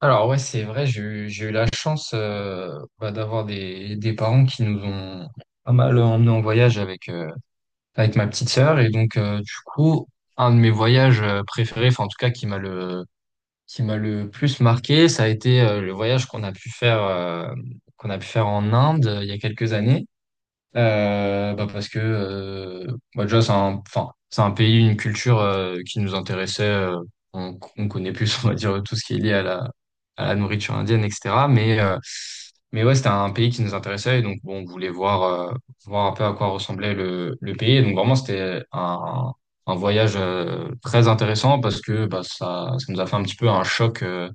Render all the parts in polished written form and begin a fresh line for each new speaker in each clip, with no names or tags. Alors ouais, c'est vrai, j'ai eu la chance d'avoir des parents qui nous ont pas mal emmenés en voyage avec ma petite sœur. Et donc, du coup, un de mes voyages préférés, enfin en tout cas qui m'a le plus marqué, ça a été le voyage qu'on a pu faire en Inde il y a quelques années. Bah parce que bah déjà c'est un pays, une culture qui nous intéressait. On connaît plus, on va dire tout ce qui est lié à la nourriture indienne, etc. Mais ouais, c'était un pays qui nous intéressait et donc bon, on voulait voir un peu à quoi ressemblait le pays. Et donc vraiment c'était un voyage très intéressant parce que bah ça nous a fait un petit peu un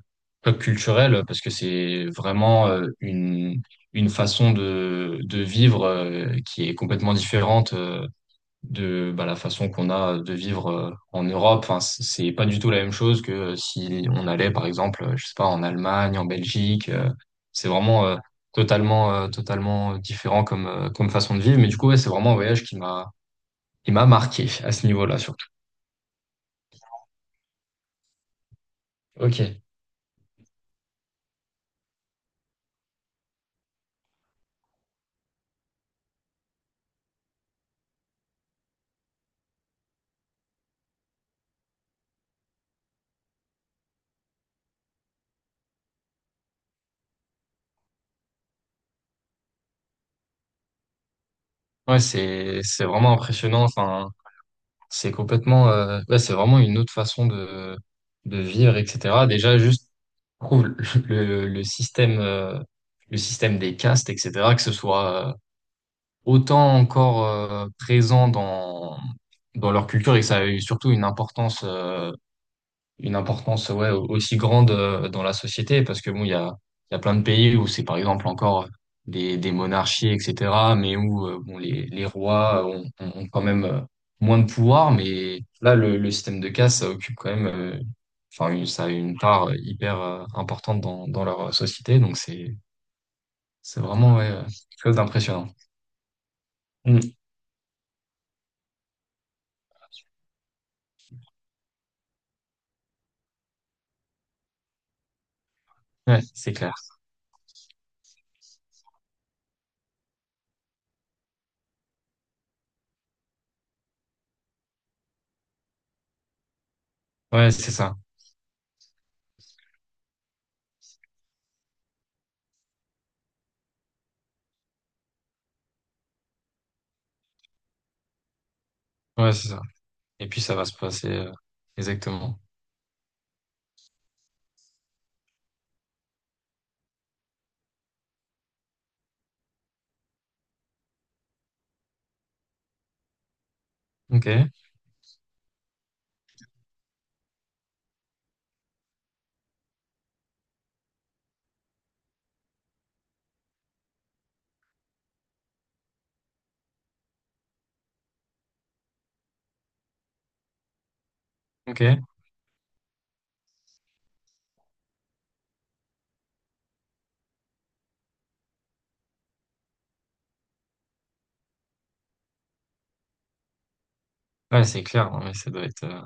choc culturel parce que c'est vraiment une façon de vivre qui est complètement différente de bah, la façon qu'on a de vivre en Europe. Enfin, c'est pas du tout la même chose que si on allait, par exemple, je sais pas, en Allemagne, en Belgique. C'est vraiment totalement différent comme façon de vivre. Mais du coup, ouais, c'est vraiment un voyage qui m'a marqué à ce niveau-là, surtout. Ok. Ouais, c'est vraiment impressionnant. Enfin, c'est complètement, ouais, c'est vraiment une autre façon de vivre, etc. Déjà, juste trouve le, le système, euh, le système des castes, etc., que ce soit autant encore présent dans leur culture et que ça a eu surtout une importance ouais, aussi grande dans la société parce que bon, il y a plein de pays où c'est par exemple encore des monarchies, etc., mais où bon, les rois ont quand même moins de pouvoir, mais là, le système de caste, ça occupe quand même, ça a une part hyper importante dans leur société, donc c'est vraiment ouais, quelque chose d'impressionnant. Mm. Ouais, c'est clair. Ouais, c'est ça. Ouais, c'est ça. Et puis ça va se passer exactement. Ok, ok. Ouais, c'est clair, ouais, ça doit être.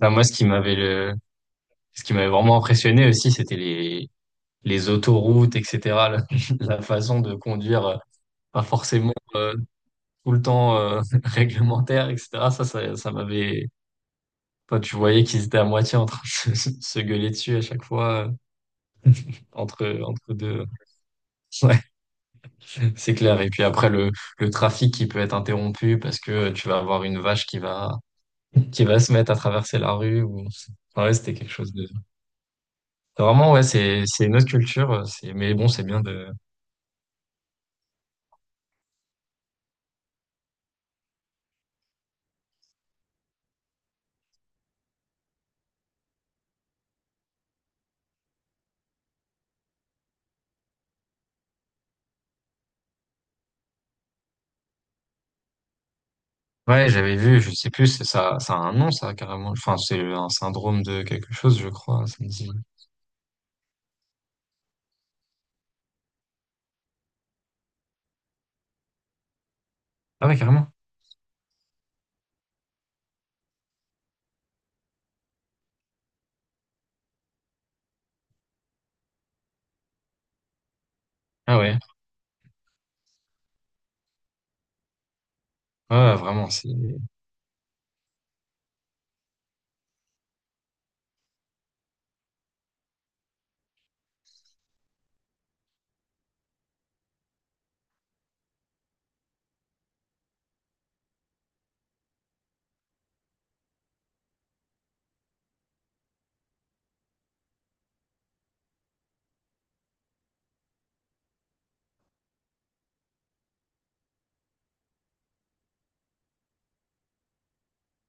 Enfin, moi, ce qui m'avait vraiment impressionné aussi, c'était les autoroutes, etc. La, la façon de conduire, pas forcément tout le temps réglementaire, etc. Ça m'avait. Enfin, tu voyais qu'ils étaient à moitié en train se gueuler dessus à chaque fois, entre deux. Ouais, c'est clair. Et puis après le trafic qui peut être interrompu parce que tu vas avoir une vache qui va se mettre à traverser la rue ou. Enfin, ouais, c'était quelque chose. C'est vraiment, ouais, c'est une autre culture. C'est, mais bon, c'est bien de. Ouais, j'avais vu, je sais plus, c'est ça, ça a un nom, ça, carrément. Enfin, c'est un syndrome de quelque chose, je crois. Ça me dit... Ah ouais, carrément. Ah ouais. Ouais, ouais, vraiment, c'est.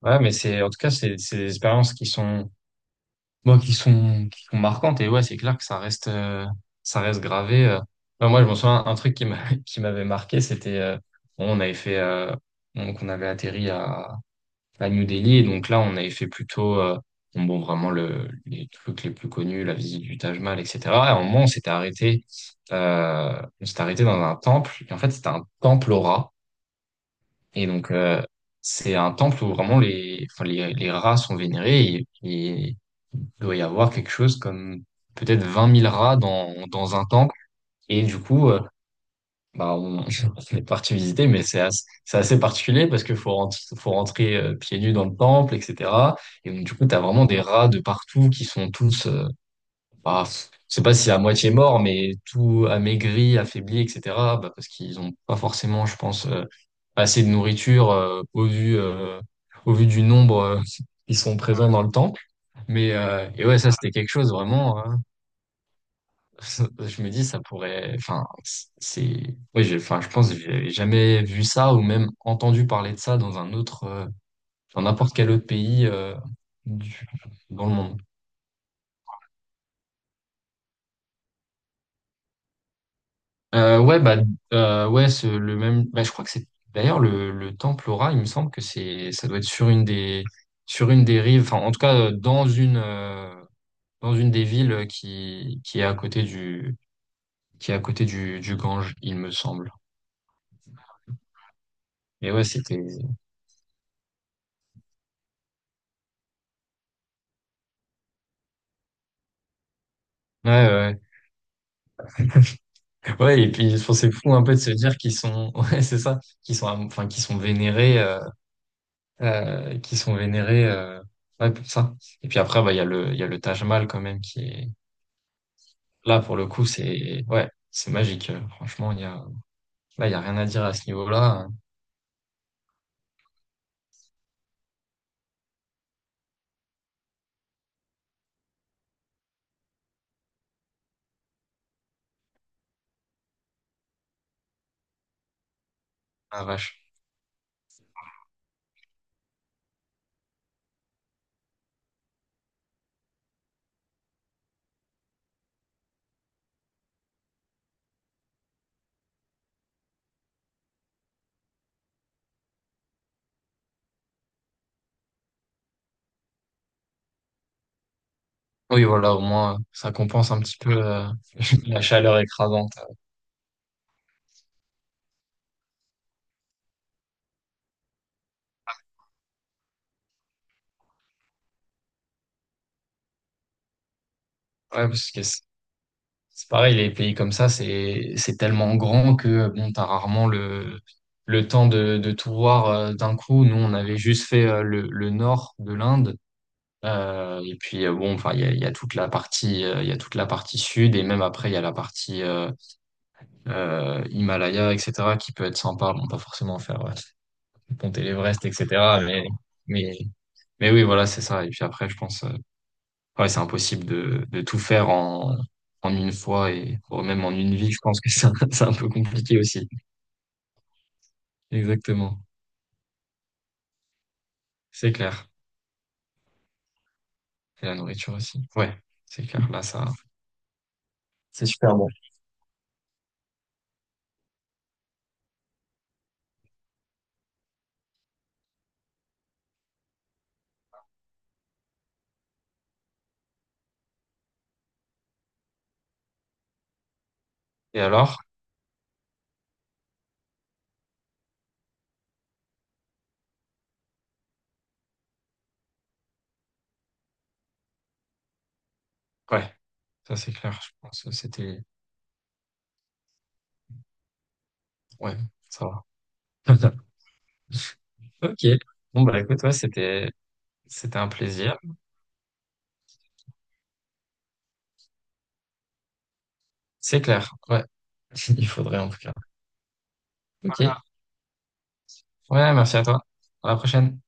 Ouais, mais c'est, en tout cas, c'est des expériences qui sont, bon, qui sont marquantes. Et ouais, c'est clair que ça reste gravé. Enfin, moi, je me souviens, un truc qui m'avait marqué, c'était, bon, on avait donc, on avait atterri à New Delhi. Et donc là, on avait fait plutôt vraiment les trucs les plus connus, la visite du Taj Mahal, etc. Et à un moment, on s'était arrêté dans un temple. Et en fait, c'était un temple aux rats. Et donc, c'est un temple où vraiment les rats sont vénérés. Et il doit y avoir quelque chose comme peut-être 20 000 rats dans un temple. Et du coup, bah, on, on est parti visiter, mais c'est assez particulier parce que faut rentrer pieds nus dans le temple, etc. Et donc, du coup, t'as vraiment des rats de partout qui sont tous, bah, je sais pas si à moitié morts, mais tout amaigris, affaiblis, etc. Bah, parce qu'ils ont pas forcément, je pense, assez de nourriture au vu du nombre qui sont présents dans le temple. Et ouais, ça c'était quelque chose vraiment. Je me dis, ça pourrait. Enfin, c'est. Oui, enfin, je pense que j'avais jamais vu ça ou même entendu parler de ça dans un autre, dans n'importe quel autre pays du- dans le monde. Euh, ouais, bah, ouais, le même. Bah, je crois que c'est d'ailleurs le temple Aura. Il me semble que c'est, ça doit être sur sur une des rives. Enfin, en tout cas, dans une des villes qui est à côté du, qui est à côté du Gange, il me semble. Et ouais, c'était. Ouais, ouais. Ouais. Ouais, et puis je trouve c'est fou un peu de se dire qu'ils sont, ouais, c'est ça, enfin, qu'ils sont vénérés, ouais, pour ça. Et puis après, bah, il y a le Taj Mahal quand même qui est là pour le coup, c'est, ouais, c'est magique. Franchement, là, il y a rien à dire à ce niveau-là, hein. Ah, vache. Oui, voilà, au moins, ça compense un petit peu la chaleur écrasante. Ouais, parce que c'est pareil, les pays comme ça, c'est tellement grand que bon, t'as rarement le temps de tout voir d'un coup. Nous, on avait juste fait le nord de l'Inde. Et puis Bon, enfin, il y a il y a toute la partie sud et même après, il y a la partie Himalaya, etc., qui peut être sympa. Bon, pas forcément faire monter l'Everest, etc. Mais mais mais oui, voilà, c'est ça. Et puis après, je pense. Ouais, c'est impossible de tout faire en une fois et voire même en une vie. Je pense que c'est un, c'est un peu compliqué aussi. Exactement. C'est clair. Et la nourriture aussi. Ouais, c'est clair. Là, ça, c'est super bon. Et alors? Ouais, ça, c'est clair. Je pense que c'était, ouais, ça va. Ok. Bon, bah, écoute, ouais, c'était un plaisir. C'est clair. Ouais. Il faudrait en tout cas. Ok. Voilà. Ouais, merci à toi. À la prochaine.